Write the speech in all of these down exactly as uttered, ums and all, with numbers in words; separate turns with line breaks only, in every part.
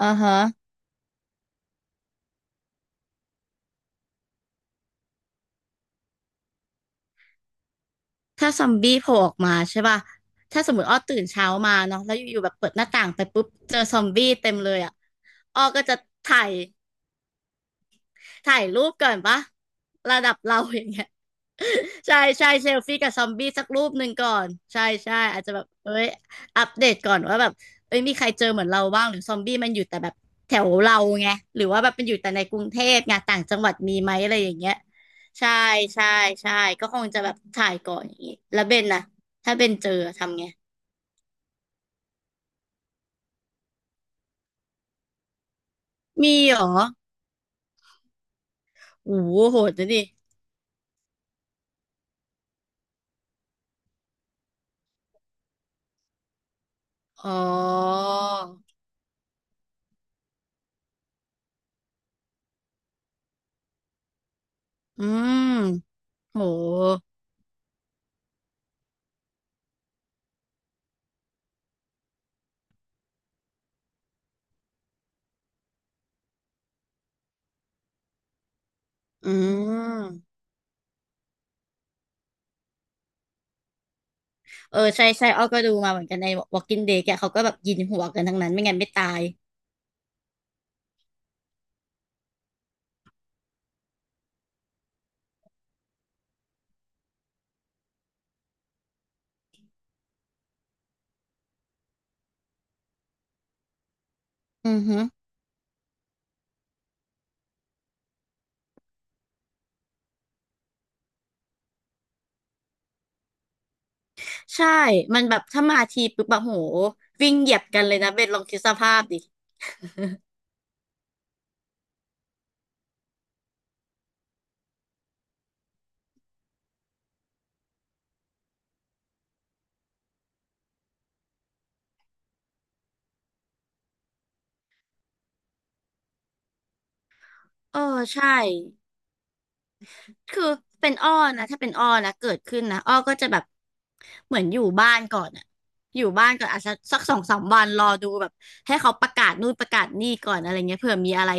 อ่าฮะ ถ้าซอมบี้โผล่ออกมาใช่ป่ะ ถ้าสมมติอ้อตื่นเช้ามาเนาะแล้วอยู่ๆแบบเปิดหน้าต่างไปปุ๊บ เจอซอมบี้เต็มเลยอ่ะอ้อก็จะถ่ายถ่ายรูปก่อนป่ะระดับเราอย่างเงี้ย ใช่ ใช่เซลฟี่กับซอมบี้สักรูปหนึ่งก่อนใช่ใช่อาจจะแบบเอ้ยอัปเดตก่อนว่าแบบเอ้ยมีใครเจอเหมือนเราบ้างหรือซอมบี้มันอยู่แต่แบบแถวเราไง หรือว่าแบบมันอยู่แต่ในกรุงเทพไงต่างจังหวัดมีไหมอะไรอย่างเงี้ยใช่ใช่ใช่ก็คงจะแบบถ่ายก่อนอย่างงี้แล้วเบนนะถ้าเบนเจอทำไง มีเหรอ โอ้โหโหดนะดิอ๋ออืมโหอืม เออใช่ใช่อ้อก็ดูมาเหมือนกันใน Walking Dead แกเขาก็แบบยิงหัวกันทั้งนั้นไม่งั้นไม่ตายอือฮึใช่มันแบบถ้ามาทีปุ๊บแบบโหวิ่งเหยียบกันเลยนะเบนลองคิดสภาพดิเออใช่ คือเป็นอ้อนะถ้าเป็นอ้อนะเกิดขึ้นนะอ้อก็จะแบบเหมือนอยู่บ้านก่อนอะอยู่บ้านก่อนอาจจะสักสองสามวันรอดูแบบให้เขาประกาศนู่นประกาศนี่ก่อนอะไรเงี้ยเผื่อมีอะไร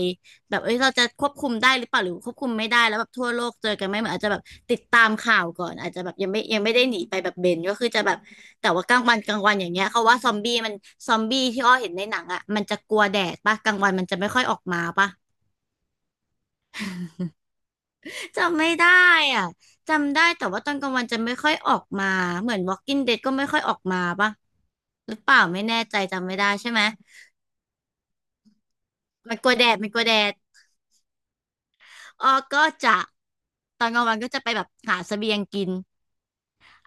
แบบเอ้ยเราจะควบคุมได้หรือเปล่าหรือควบคุมไม่ได้แล้วแบบทั่วโลกเจอกันไหมเหมือนอาจจะแบบติดตามข่าวก่อนอาจจะแบบยังไม่ยังไม่ได้หนีไปแบบเบนก็คือจะแบบแต่ว่ากลางวันกลางวันอย่างเงี้ยเขาว่าซอมบี้มันซอมบี้ที่อ้อเห็นในหนังอะมันจะกลัวแดดปะกลางวันมันจะไม่ค่อยออกมาปะ จำไม่ได้อ่ะจำได้แต่ว่าตอนกลางวันจะไม่ค่อยออกมา เหมือน Walking Dead ก็ไม่ค่อยออกมาปะหรือเปล่าไม่แน่ใจจำไม่ได้ใช่ไหมมันกลัวแดดมันกลัวแดดอ๋อก็จะตอนกลางวันก็จะไปแบบหาเสบียงกิน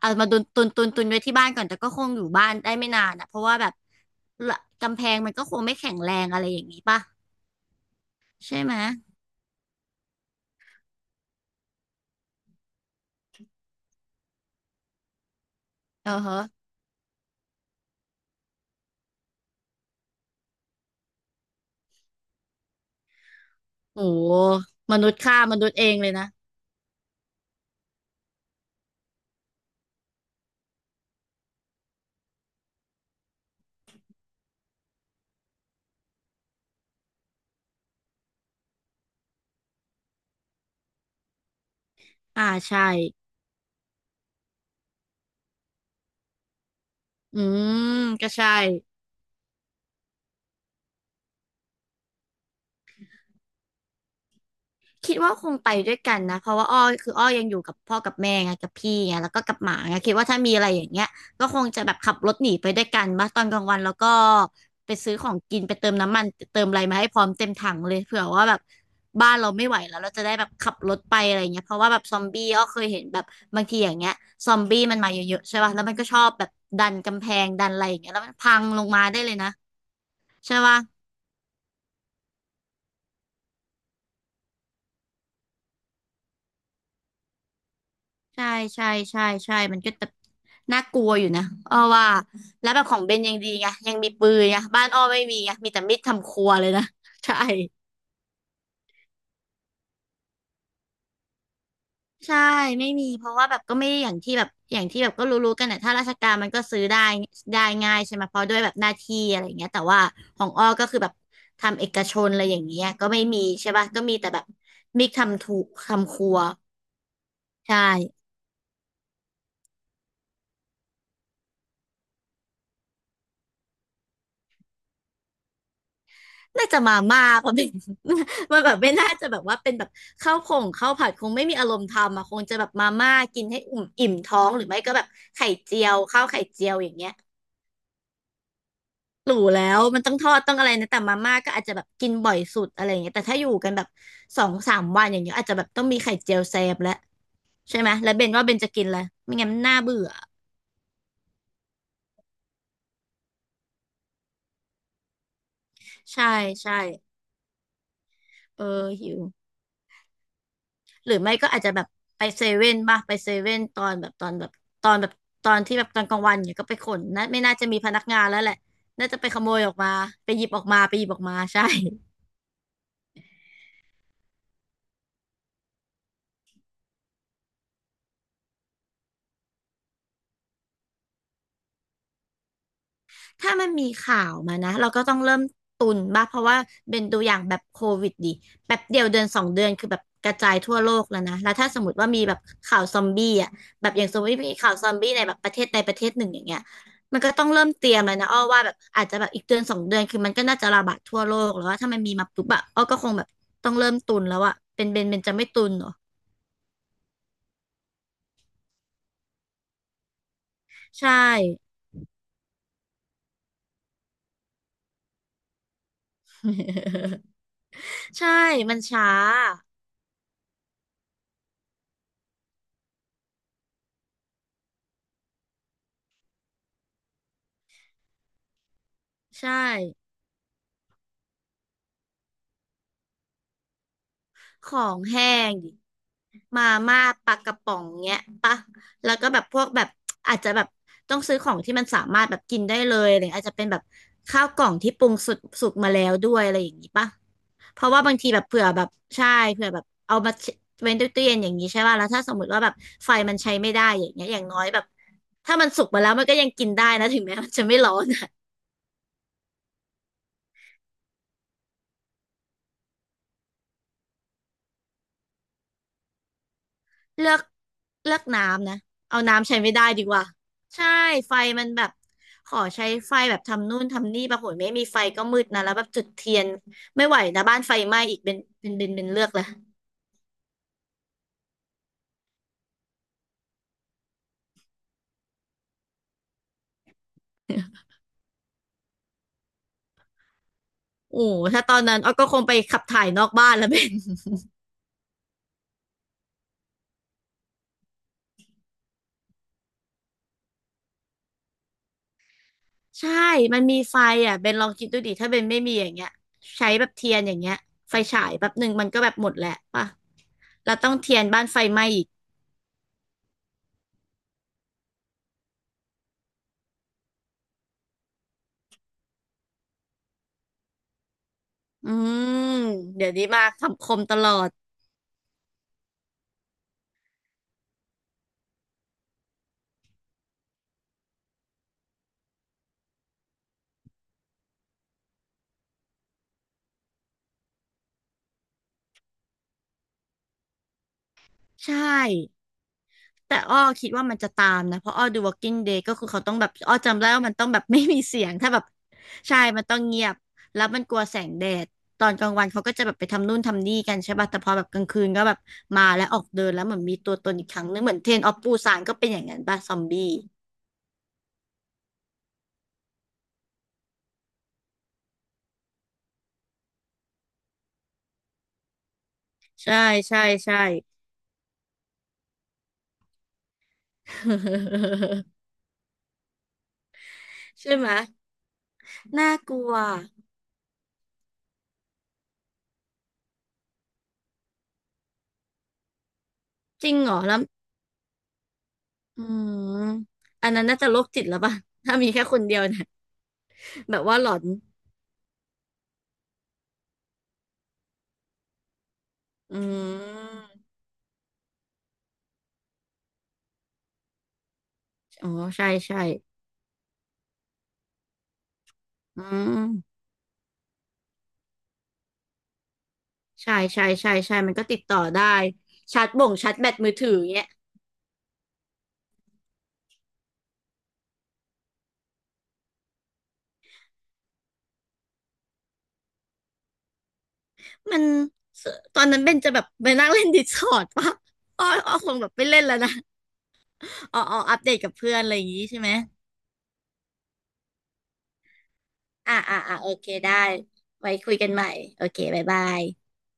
เอามาตุนตุนตุนตุนไว้ที่บ้านก่อนแต่ก็คงอยู่บ้านได้ไม่นานอ่ะ เพราะว่าแบบละกำแพงมันก็คงไม่แข็งแรงอะไรอย่างนี้ปะใช่ไหมเออฮะโหมนุษย์ฆ่ามนุษย์เองเลยนะอ่าใช่อืมก็ใช่ คิดว่าคงไปด้วยกันนะเพราะว่าอ้อคืออ้อยังอยู่กับพ่อกับแม่ไงกับพี่ไงแล้วก็กับหมาไงคิดว่าถ้ามีอะไรอย่างเงี้ยก็คงจะแบบขับรถหนีไปด้วยกันมาตอนกลางวันแล้วก็ไปซื้อของกินไปเติมน้ำมันเติมอะไรมาให้พร้อมเต็มถังเลยเผื่อว่าแบบบ้านเราไม่ไหวแล้วเราจะได้แบบขับรถไปอะไรเงี้ยเพราะว่าแบบซอมบี้อ้อเคยเห็นแบบบางทีอย่างเงี้ยซอมบี้มันมาเยอะๆใช่ป่ะแล้วมันก็ชอบแบบดันกำแพงดันอะไรอย่างเงี้ยแล้วมันพังลงมาได้เลยนะใช่ป่ะ ใช่ใช่ใช่ใช่มันก็จะน่ากลัวอยู่นะอ้อว่าแล้วแบบของเบนยังดีไงยังมีปืนไงบ้านอ้อไม่มีไงมีแต่มีดทำครัวเลยนะใช่ใช่ไม่มีเพราะว่าแบบก็ไม่ได้อย่างที่แบบอย่างที่แบบก็รู้ๆกันนะถ้าราชการมันก็ซื้อได้ได้ง่ายใช่ไหมเพราะด้วยแบบหน้าที่อะไรอย่างเงี้ยแต่ว่าของอ้อก็คือแบบทำเอกชนอะไรอย่างเงี้ยก็ไม่มีใช่ป่ะก็มีแต่แบบมิกทำถูกทำครัวใช่ น่าจะมาม่าเพราะเป็น มันแบบไม่น่าจะแบบว่าเป็นแบบข้าวผงข้าวผัดคงไม่มีอารมณ์ทำอ่ะคงจะแบบมาม่ากินให้อิ่มอิ่มท้องหรือไม่ก็แบบไข่เจียวข้าวไข่เจียวอย่างเงี้ยหรูแล้วมันต้องทอดต้องอะไรนะแต่มาม่าก็อาจจะแบบกินบ่อยสุดอะไรอย่างเงี้ยแต่ถ้าอยู่กันแบบสองสามวันอย่างเงี้ยอาจจะแบบต้องมีไข่เจียวแซมแล้วใช่ไหมแล้วเบนว่าเบนจะกินแล้วไม่งั้นมันน่าเบื่อใช่ใช่เออหิว หรือไม่ก็อาจจะแบบไปเซเว่นบ้างไปเซเว่นตอนแบบตอนแบบตอนแบบตอนที่แบบตอนกลางวันเนี่ยก็ไปขนนะไม่น่าจะมีพนักงานแล้วแหละน่าจะไปขโมยออกมาไปหยิบออกมาไปหยิบออกมาใช่ ถ้ามันมีข่าวมานะเราก็ต้องเริ่มตุนบ้างเพราะว่าเป็นตัวอย่างแบบโควิดดิแป๊บเดียวเดือนสองเดือนคือแบบกระจายทั่วโลกแล้วนะแล้วถ้าสมมติว่ามีแบบข่าวซอมบี้อ่ะแบบอย่างสมมติมีข่าวซอมบี้ในแบบประเทศใดประเทศหนึ่งอย่างเงี้ยมันก็ต้องเริ่มเตรียมแล้วนะอ้อว่าแบบอาจจะแบบอีกเดือนสองเดือนคือมันก็น่าจะระบาดทั่วโลกแล้วว่าถ้ามันมีมาปุ๊บอะอ้อก็คงแบบต้องเริ่มตุนแล้วอะเป็นเบนเบนจะไม่ตุนเหรอใช่ ใช่มันช้าใช่ ของแห้งดิมาม่าปลากระป๋องเงี้ยปะแล้วก็แบบพวกแบบอาจจะแบบต้องซื้อของที่มันสามารถแบบกินได้เลยอะไรอาจจะเป็นแบบข้าวกล่องที่ปรุงสุกสุกมาแล้วด้วยอะไรอย่างนี้ปะเพราะว่าบางทีแบบเผื่อแบบใช่เผื่อแบบเอามาเว้นตู้เย็นอย่างนี้ใช่ป่ะแล้วถ้าสมมติว่าแบบไฟมันใช้ไม่ได้อย่างเงี้ยอย่างน้อยแบบถ้ามันสุกมาแล้วมันก็ยังกินได้นะถึงแม้มันจะไม่ร้อนอะ เลือกเลือกน้ำนะเอาน้ำใช้ไม่ได้ดีกว่าใช่ไฟมันแบบขอใช้ไฟแบบทำนู่นทำนี่ปรากฏไม่มีไฟก็มืดนะแล้วแบบจุดเทียนไม่ไหวนะบ้านไฟไหม้อีกเป็นเป็นเป็นเป็นเลือกละ โอ้ถ้าตอนนั้นอ้อก็คงไปขับถ่ายนอกบ้านแล้วเบน ใช่มันมีไฟอ่ะเบนลองคิดดูดิถ้าเบนไม่มีอย่างเงี้ยใช้แบบเทียนอย่างเงี้ยไฟฉายแป๊บหนึ่งมันก็แบบหมดแหละป่ะเราต้องเทียนบ้านไฟไหม้อีกอืมเดี๋ยวนี้มาคำคมตลอดใช่ แต่อ้อคิดว่ามันจะตามนะเพราะอ้อดู วอล์กกิ้งเดด ก็คือเขาต้องแบบอ้อจำได้ว่ามันต้องแบบ ไม่มีเสียงถ้าแบบใช่มันต้องเงียบแล้วมันกลัวแสงแดดตอนกลางวันเขาก็จะแบบไปทำนู่นทำนี่กันใช่ป่ะแต่พอแบบกลางคืนก็แบบมาแล้วออกเดินแล้วเหมือนมีตัวตนอีกครั้งนึงเหมือนเทรนออฟปูซานก็เป็นอย่างนั้นป่ะซอมบี้ใช่ใช่ใช่ ใช่ไหมน่ากลัวจริงเหรอแล้วอืมอันนั้นน่าจะโรคจิตแล้วป่ะ ถ้ามีแค่คนเดียวเนี่ยแบบว่าหลอนอืม อ๋อใช่ใช่อืมใช่ใช่ใช่ใช่มันก็ติดต่อได้ชาร์จบ่งชาร์จแบตมือถือเงี้ยมันตอนนั้นเบนจะแบบไปนั่งเล่นดิสคอร์ดปะอ้ออ้อคงแบบไปเล่นแล้วนะอ๋ออ๋ออัปเดตกับเพื่อนอะไรอย่างงี้ใช่ไหมอ่าอ่าอ่าโอเคได้ไว้คุยกันใหม่โอเคบ๊ายบาย